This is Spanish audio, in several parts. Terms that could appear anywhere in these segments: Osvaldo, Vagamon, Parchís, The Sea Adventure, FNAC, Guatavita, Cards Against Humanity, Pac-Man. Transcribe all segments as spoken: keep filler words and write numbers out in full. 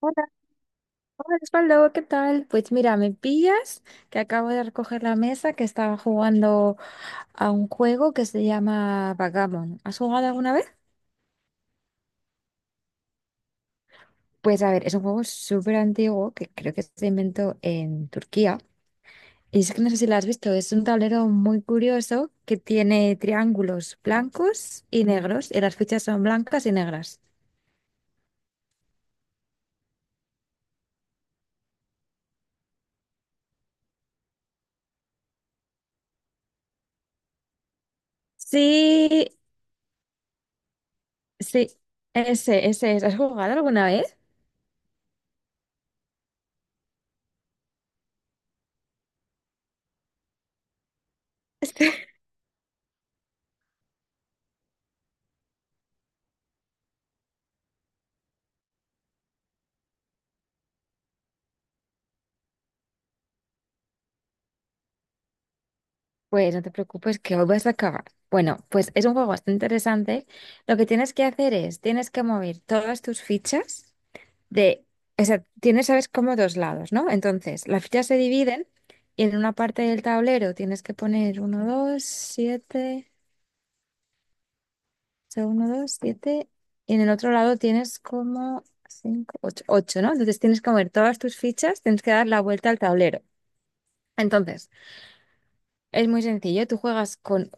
Hola, hola Osvaldo, ¿qué tal? Pues mira, me pillas que acabo de recoger la mesa que estaba jugando a un juego que se llama Vagamon. ¿Has jugado alguna vez? Pues a ver, es un juego súper antiguo que creo que se inventó en Turquía. Y es que no sé si lo has visto, es un tablero muy curioso que tiene triángulos blancos y negros y las fichas son blancas y negras. Sí, sí, ese, ese es. ¿Has jugado alguna vez? Pues no te preocupes que hoy vas a acabar. Bueno, pues es un juego bastante interesante. Lo que tienes que hacer es, tienes que mover todas tus fichas de, o sea, tienes, sabes, como dos lados, ¿no? Entonces, las fichas se dividen y en una parte del tablero tienes que poner uno dos siete, o sea, uno dos siete y en el otro lado tienes como cinco ocho ocho, ¿no? Entonces tienes que mover todas tus fichas, tienes que dar la vuelta al tablero. Entonces, es muy sencillo, tú juegas con,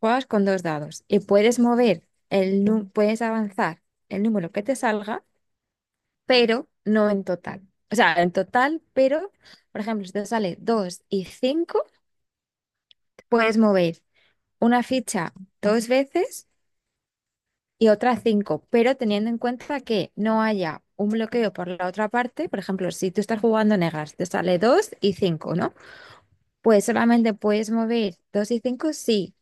juegas con dos dados y puedes mover el nu- puedes avanzar el número que te salga, pero no en total. O sea, en total, pero, por ejemplo, si te sale dos y cinco puedes mover una ficha dos veces y otra cinco, pero teniendo en cuenta que no haya un bloqueo por la otra parte, por ejemplo, si tú estás jugando negras, te sale dos y cinco, ¿no? Pues solamente puedes mover dos y cinco si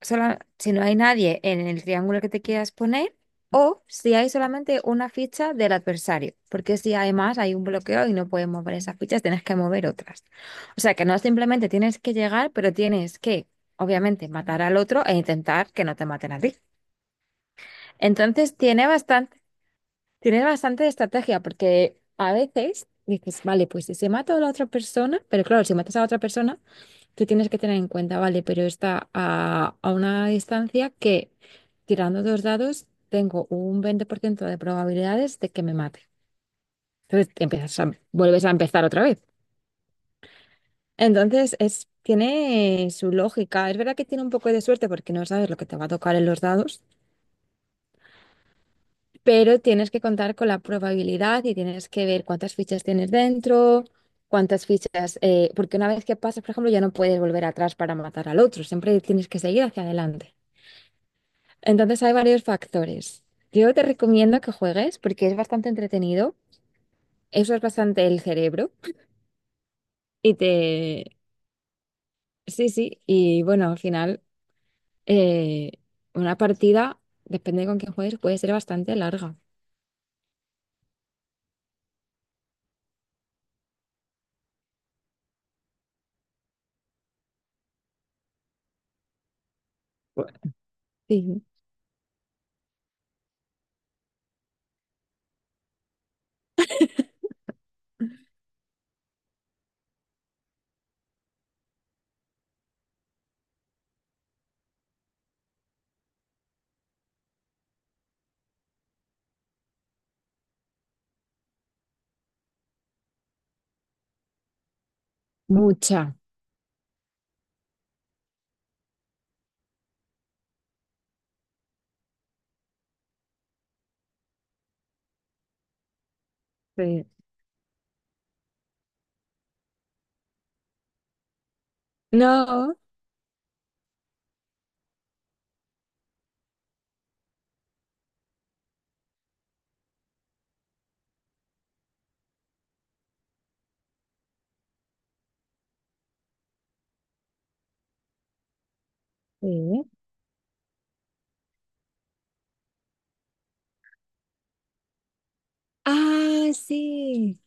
sola- si no hay nadie en el triángulo que te quieras poner o si hay solamente una ficha del adversario, porque si además hay un bloqueo y no puedes mover esas fichas, tienes que mover otras. O sea que no simplemente tienes que llegar, pero tienes que, obviamente, matar al otro e intentar que no te maten a ti. Entonces tiene bastante, tiene bastante estrategia, porque a veces dices, vale, pues si se mata a la otra persona, pero claro, si matas a la otra persona que tienes que tener en cuenta, vale, pero está a, a una distancia que tirando dos dados tengo un veinte por ciento de probabilidades de que me mate. Entonces te empiezas a- vuelves a empezar otra vez. Entonces es, tiene su lógica. Es verdad que tiene un poco de suerte porque no sabes lo que te va a tocar en los dados, pero tienes que contar con la probabilidad y tienes que ver cuántas fichas tienes dentro. Cuántas fichas, eh, porque una vez que pasas, por ejemplo, ya no puedes volver atrás para matar al otro, siempre tienes que seguir hacia adelante. Entonces hay varios factores. Yo te recomiendo que juegues porque es bastante entretenido, usas bastante el cerebro y te... Sí, sí, y bueno, al final eh, una partida, depende con quién juegues, puede ser bastante larga. Sí, mucha. Sí. No. Sí. Ah, sí.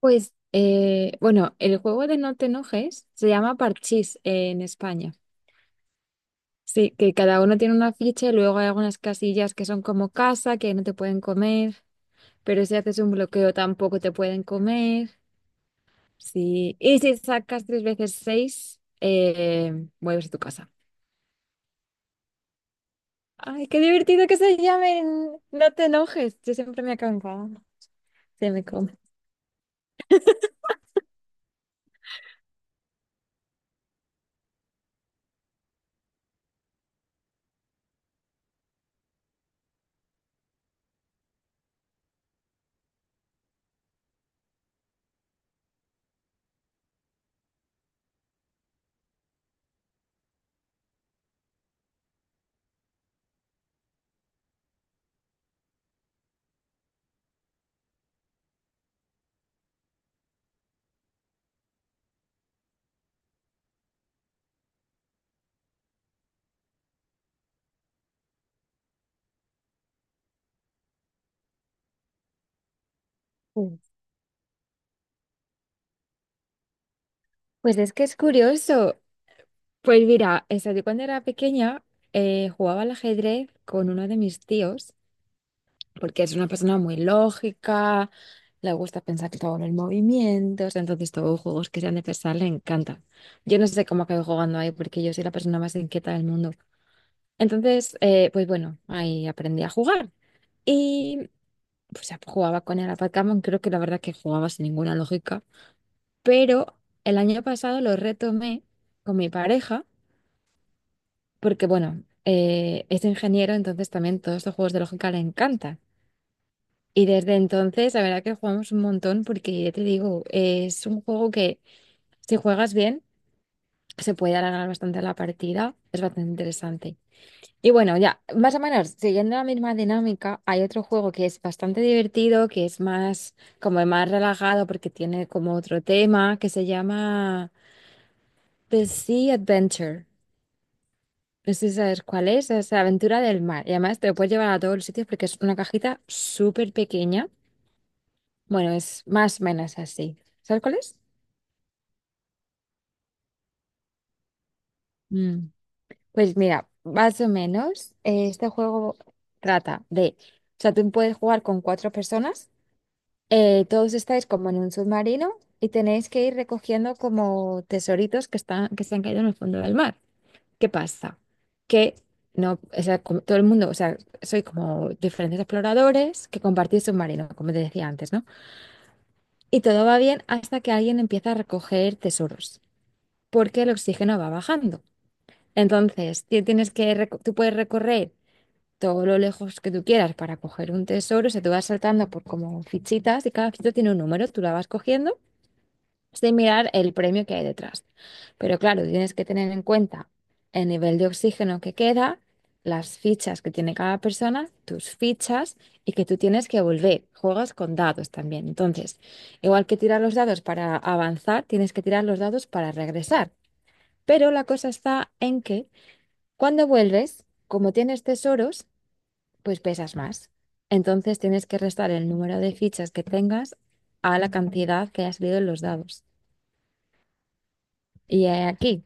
Pues, eh, bueno, el juego de No te enojes se llama Parchís eh, en España. Sí, que cada uno tiene una ficha y luego hay algunas casillas que son como casa, que no te pueden comer, pero si haces un bloqueo tampoco te pueden comer. Sí, y si sacas tres veces seis, eh, vuelves a tu casa. Ay, qué divertido que se llamen. No te enojes, yo siempre me acabo. Se me come. Sí. Pues es que es curioso. Pues mira, eso, yo cuando era pequeña eh, jugaba al ajedrez con uno de mis tíos. Porque es una persona muy lógica, le gusta pensar todo en el movimiento, o sea, entonces todos los juegos que sean de pensar le encantan. Yo no sé cómo acabé jugando ahí porque yo soy la persona más inquieta del mundo. Entonces, eh, pues bueno, ahí aprendí a jugar y pues ya jugaba con el a Pac-Man, creo que la verdad que jugaba sin ninguna lógica, pero el año pasado lo retomé con mi pareja porque bueno, eh, es ingeniero, entonces también todos estos juegos de lógica le encantan. Y desde entonces, la verdad que jugamos un montón porque ya te digo, es un juego que si juegas bien, se puede alargar bastante la partida, es bastante interesante. Y bueno, ya, más o menos, siguiendo la misma dinámica, hay otro juego que es bastante divertido, que es más, como más relajado porque tiene como otro tema, que se llama The Sea Adventure. No sé si sabes cuál es, es la aventura del mar. Y además te lo puedes llevar a todos los sitios porque es una cajita súper pequeña. Bueno, es más o menos así. ¿Sabes cuál es? Mm, Pues mira, más o menos, eh, este juego trata de, o sea, tú puedes jugar con cuatro personas, eh, todos estáis como en un submarino y tenéis que ir recogiendo como tesoritos que están, que se han caído en el fondo del mar. ¿Qué pasa? Que no, o sea, como todo el mundo, o sea, soy como diferentes exploradores que compartís submarino, como te decía antes, ¿no? Y todo va bien hasta que alguien empieza a recoger tesoros, porque el oxígeno va bajando. Entonces, ti- tienes que, reco- tú puedes recorrer todo lo lejos que tú quieras para coger un tesoro. O sea, tú vas saltando por como fichitas y cada fichita tiene un número. Tú la vas cogiendo sin mirar el premio que hay detrás. Pero claro, tienes que tener en cuenta el nivel de oxígeno que queda, las fichas que tiene cada persona, tus fichas y que tú tienes que volver. Juegas con dados también. Entonces, igual que tirar los dados para avanzar, tienes que tirar los dados para regresar. Pero la cosa está en que cuando vuelves, como tienes tesoros, pues pesas más. Entonces tienes que restar el número de fichas que tengas a la cantidad que ha salido en los dados. Y he aquí,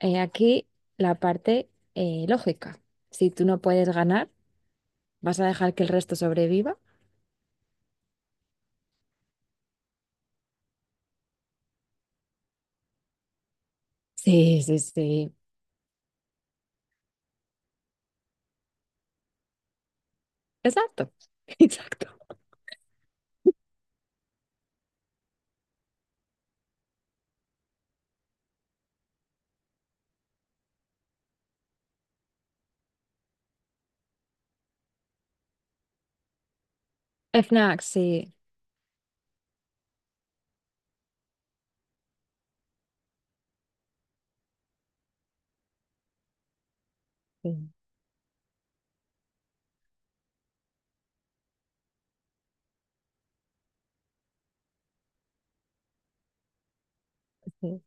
he aquí la parte eh, lógica. Si tú no puedes ganar, ¿vas a dejar que el resto sobreviva? Sí, sí, sí. Exacto. Exacto. F N A C, sí. Sí, sí.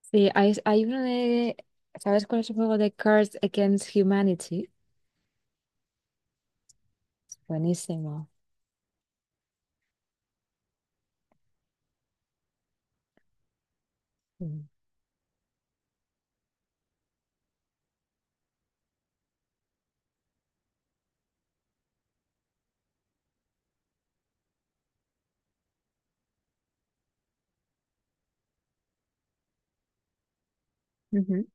Sí, hay, hay uno de... ¿Sabes cuál es el juego de Cards Against Humanity? Buenísimo. Sí. Ujú.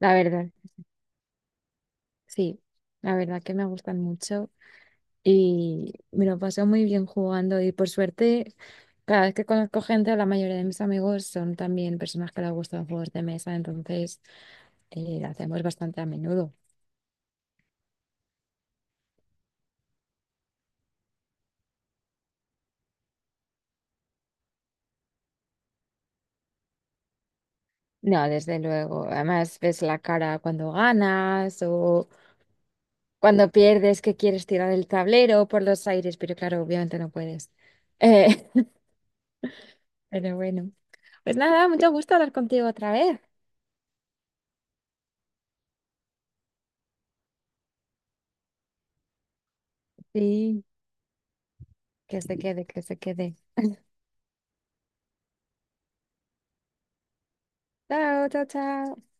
La verdad, sí. La verdad que me gustan mucho. Y me lo paso muy bien jugando y por suerte, cada vez que conozco gente, la mayoría de mis amigos son también personas que les gustan juegos de mesa, entonces eh, lo hacemos bastante a menudo. No, desde luego. Además, ves la cara cuando ganas o cuando pierdes que quieres tirar el tablero por los aires, pero claro, obviamente no puedes. Eh, pero bueno, pues nada, mucho gusto hablar contigo otra vez. Sí, que se quede, que se quede. Chao, chao, chao.